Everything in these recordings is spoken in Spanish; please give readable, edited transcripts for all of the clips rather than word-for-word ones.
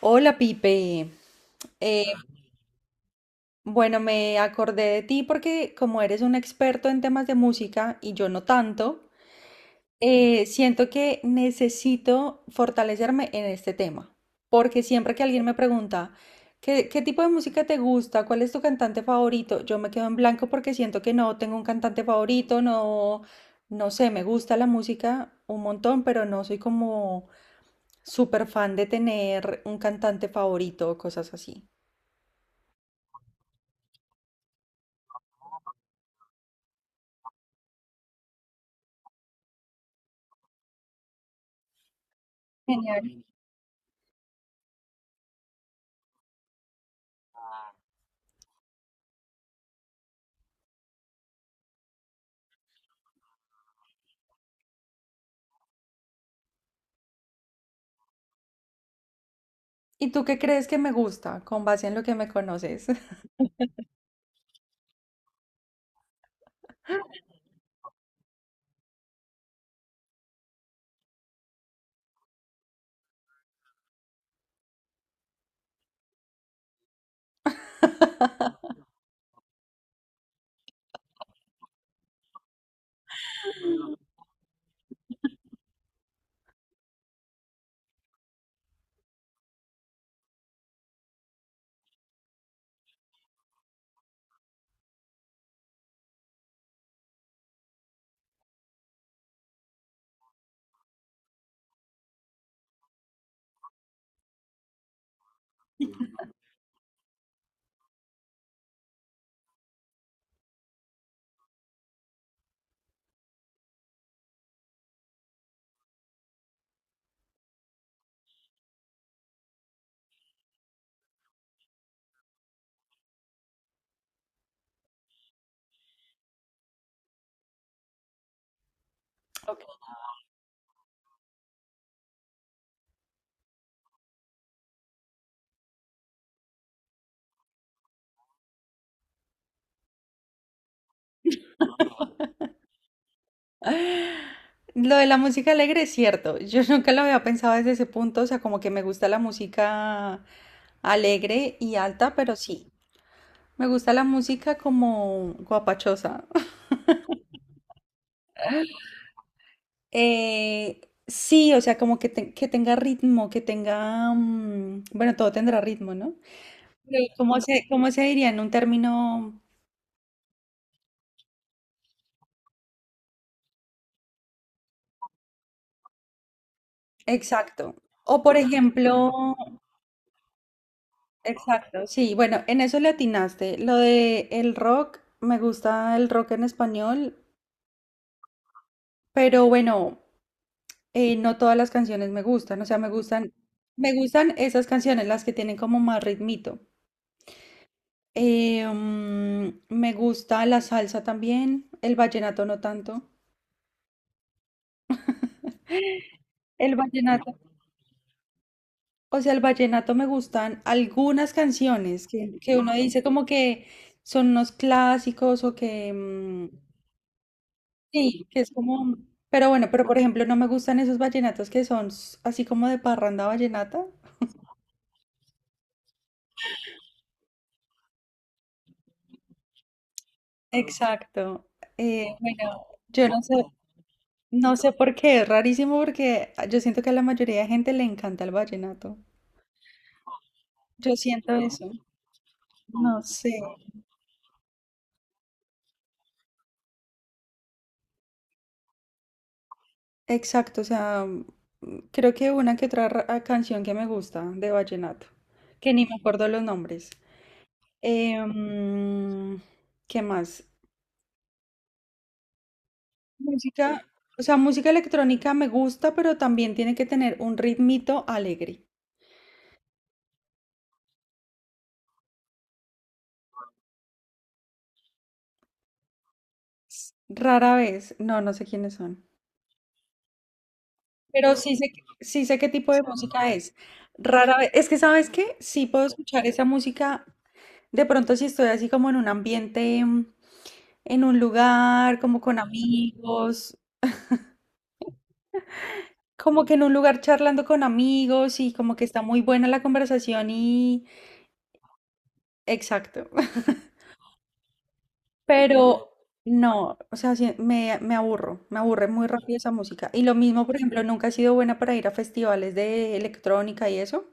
Hola Pipe. Eh, bueno, me acordé de ti porque como eres un experto en temas de música y yo no tanto, siento que necesito fortalecerme en este tema, porque siempre que alguien me pregunta, ¿Qué tipo de música te gusta? ¿Cuál es tu cantante favorito? Yo me quedo en blanco porque siento que no tengo un cantante favorito, no, no sé. Me gusta la música un montón, pero no soy como súper fan de tener un cantante favorito o cosas así. Genial. ¿Y tú qué crees que me gusta con base en lo que me conoces? Ok. Lo de la música alegre es cierto. Yo nunca lo había pensado desde ese punto. O sea, como que me gusta la música alegre y alta, pero sí. Me gusta la música como guapachosa. Eh, sí, o sea, como que, que tenga ritmo, que tenga... mm, bueno, todo tendrá ritmo, ¿no? Pero cómo se diría en un término exacto? O por ejemplo, exacto, sí, bueno, en eso le atinaste. Lo de el rock, me gusta el rock en español, pero bueno, no todas las canciones me gustan. O sea, me gustan esas canciones, las que tienen como más ritmito. Me gusta la salsa también, el vallenato no tanto. El vallenato, o sea, el vallenato, me gustan algunas canciones que uno dice como que son unos clásicos o que. Sí, que es como, pero bueno, pero por ejemplo, no me gustan esos vallenatos que son así como de parranda vallenata. Exacto. Bueno, yo no sé, no sé por qué, es rarísimo porque yo siento que a la mayoría de gente le encanta el vallenato. Yo siento eso, no sé. Exacto, o sea, creo que una que otra canción que me gusta de vallenato, que ni me acuerdo los nombres. Em, ¿Qué más? Música, o sea, música electrónica me gusta, pero también tiene que tener un ritmito alegre. Rara vez, no, no sé quiénes son. Pero sí sé, sí sé qué tipo de música es. Rara vez, es que ¿sabes qué? Sí puedo escuchar esa música. De pronto si estoy así como en un ambiente, en un lugar, como con amigos, como que en un lugar charlando con amigos y como que está muy buena la conversación y... Exacto. Pero no, o sea, sí, me aburro, me aburre muy rápido esa música. Y lo mismo, por ejemplo, nunca he sido buena para ir a festivales de electrónica y eso.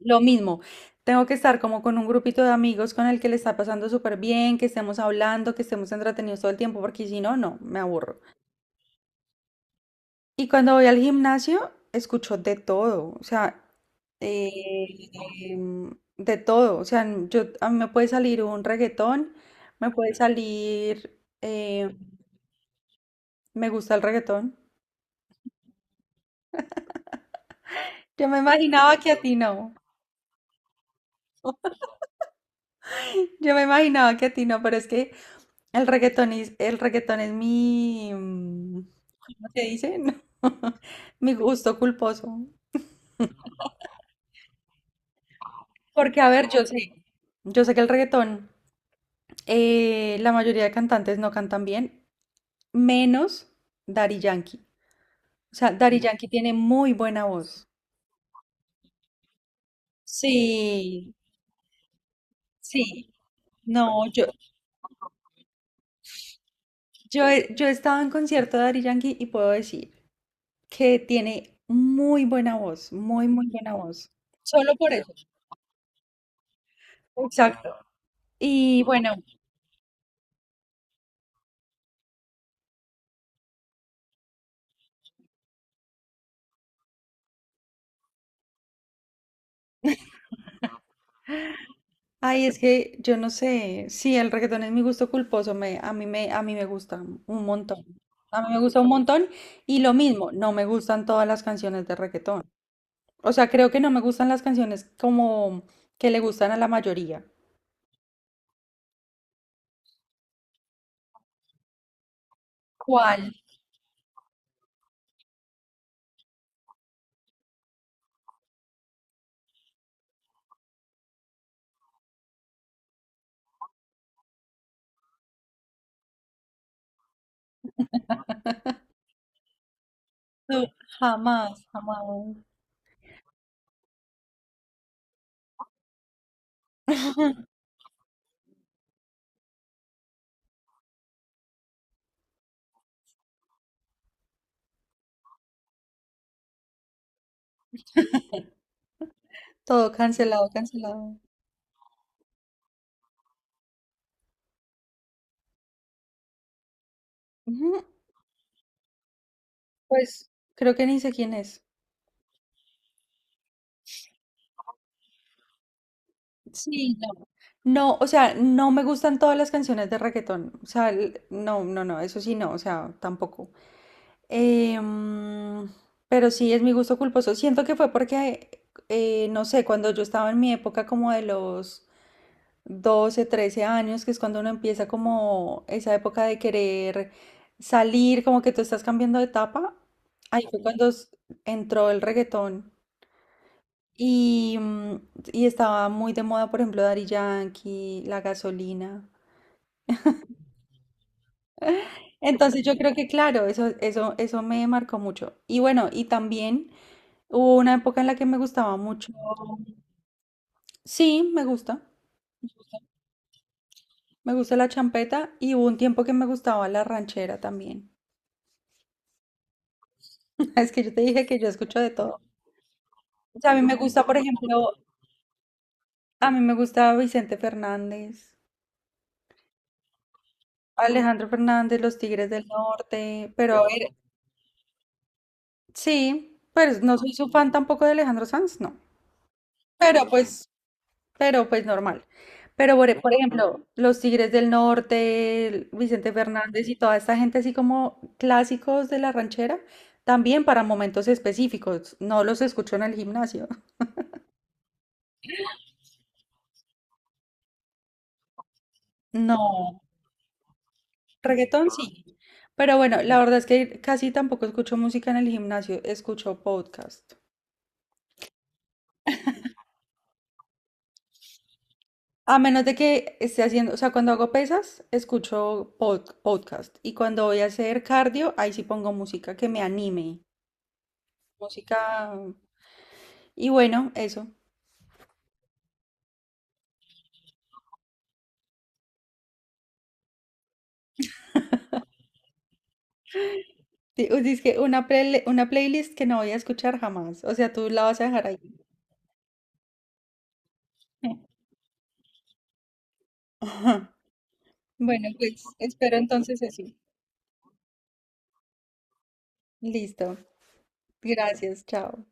Lo mismo, tengo que estar como con un grupito de amigos con el que le está pasando súper bien, que estemos hablando, que estemos entretenidos todo el tiempo, porque si no, no, me aburro. Y cuando voy al gimnasio, escucho de todo. O sea, eh, em, de todo. O sea, yo, a mí me puede salir un reggaetón, me puede salir... Me gusta el reggaetón. Yo me imaginaba que a ti no. Yo me imaginaba que a ti no, pero es que el reggaetón es, el reggaetón es mi, ¿cómo se dice? No, mi gusto culposo. Porque, a ver, yo sé que el reggaetón, la mayoría de cantantes no cantan bien, menos Daddy Yankee. O sea, Daddy Yankee tiene muy buena voz. Sí, sí. No, yo he estado en concierto de Daddy Yankee y puedo decir que tiene muy buena voz, muy, muy buena voz. Solo por eso. Exacto. Y bueno, ay, es que yo no sé, sí, el reggaetón es mi gusto culposo, a mí me gusta un montón. A mí me gusta un montón y lo mismo, no me gustan todas las canciones de reggaetón. O sea, creo que no me gustan las canciones como que le gustan a la mayoría. ¿Cuál? No, jamás, jamás. Todo cancelado, cancelado. Ujú. Pues creo que ni sé quién es. Sí, no. No, o sea, no me gustan todas las canciones de reggaetón. O sea, no, no, no, eso sí no, o sea, tampoco. Eh, mm, pero sí es mi gusto culposo. Siento que fue porque, no sé, cuando yo estaba en mi época como de los 12, 13 años, que es cuando uno empieza como esa época de querer salir, como que tú estás cambiando de etapa, ahí fue cuando entró el reggaetón. Y y estaba muy de moda, por ejemplo, Daddy Yankee, la gasolina. Entonces yo creo que claro, eso me marcó mucho. Y bueno, y también hubo una época en la que me gustaba mucho. Sí, me gusta. Me gusta la champeta y hubo un tiempo que me gustaba la ranchera también. Es que yo te dije que yo escucho de todo. O sea, a mí me gusta, por ejemplo, a mí me gusta Vicente Fernández, Alejandro Fernández, Los Tigres del Norte, pero a ver, sí, pues no soy su fan tampoco de Alejandro Sanz, no. Pero pues, pero pues normal. Pero por, por ejemplo, los Tigres del Norte, el Vicente Fernández y toda esta gente así como clásicos de la ranchera, también para momentos específicos. No los escucho en el gimnasio. No, reggaetón sí. Pero bueno, la verdad es que casi tampoco escucho música en el gimnasio, escucho podcast. A menos de que esté haciendo, o sea, cuando hago pesas, escucho podcast. Y cuando voy a hacer cardio, ahí sí pongo música que me anime. Música. Y bueno, eso. Es que una, una playlist que no voy a escuchar jamás. O sea, tú la vas a dejar ahí. Bueno, pues espero entonces eso. Listo. Gracias. Chao.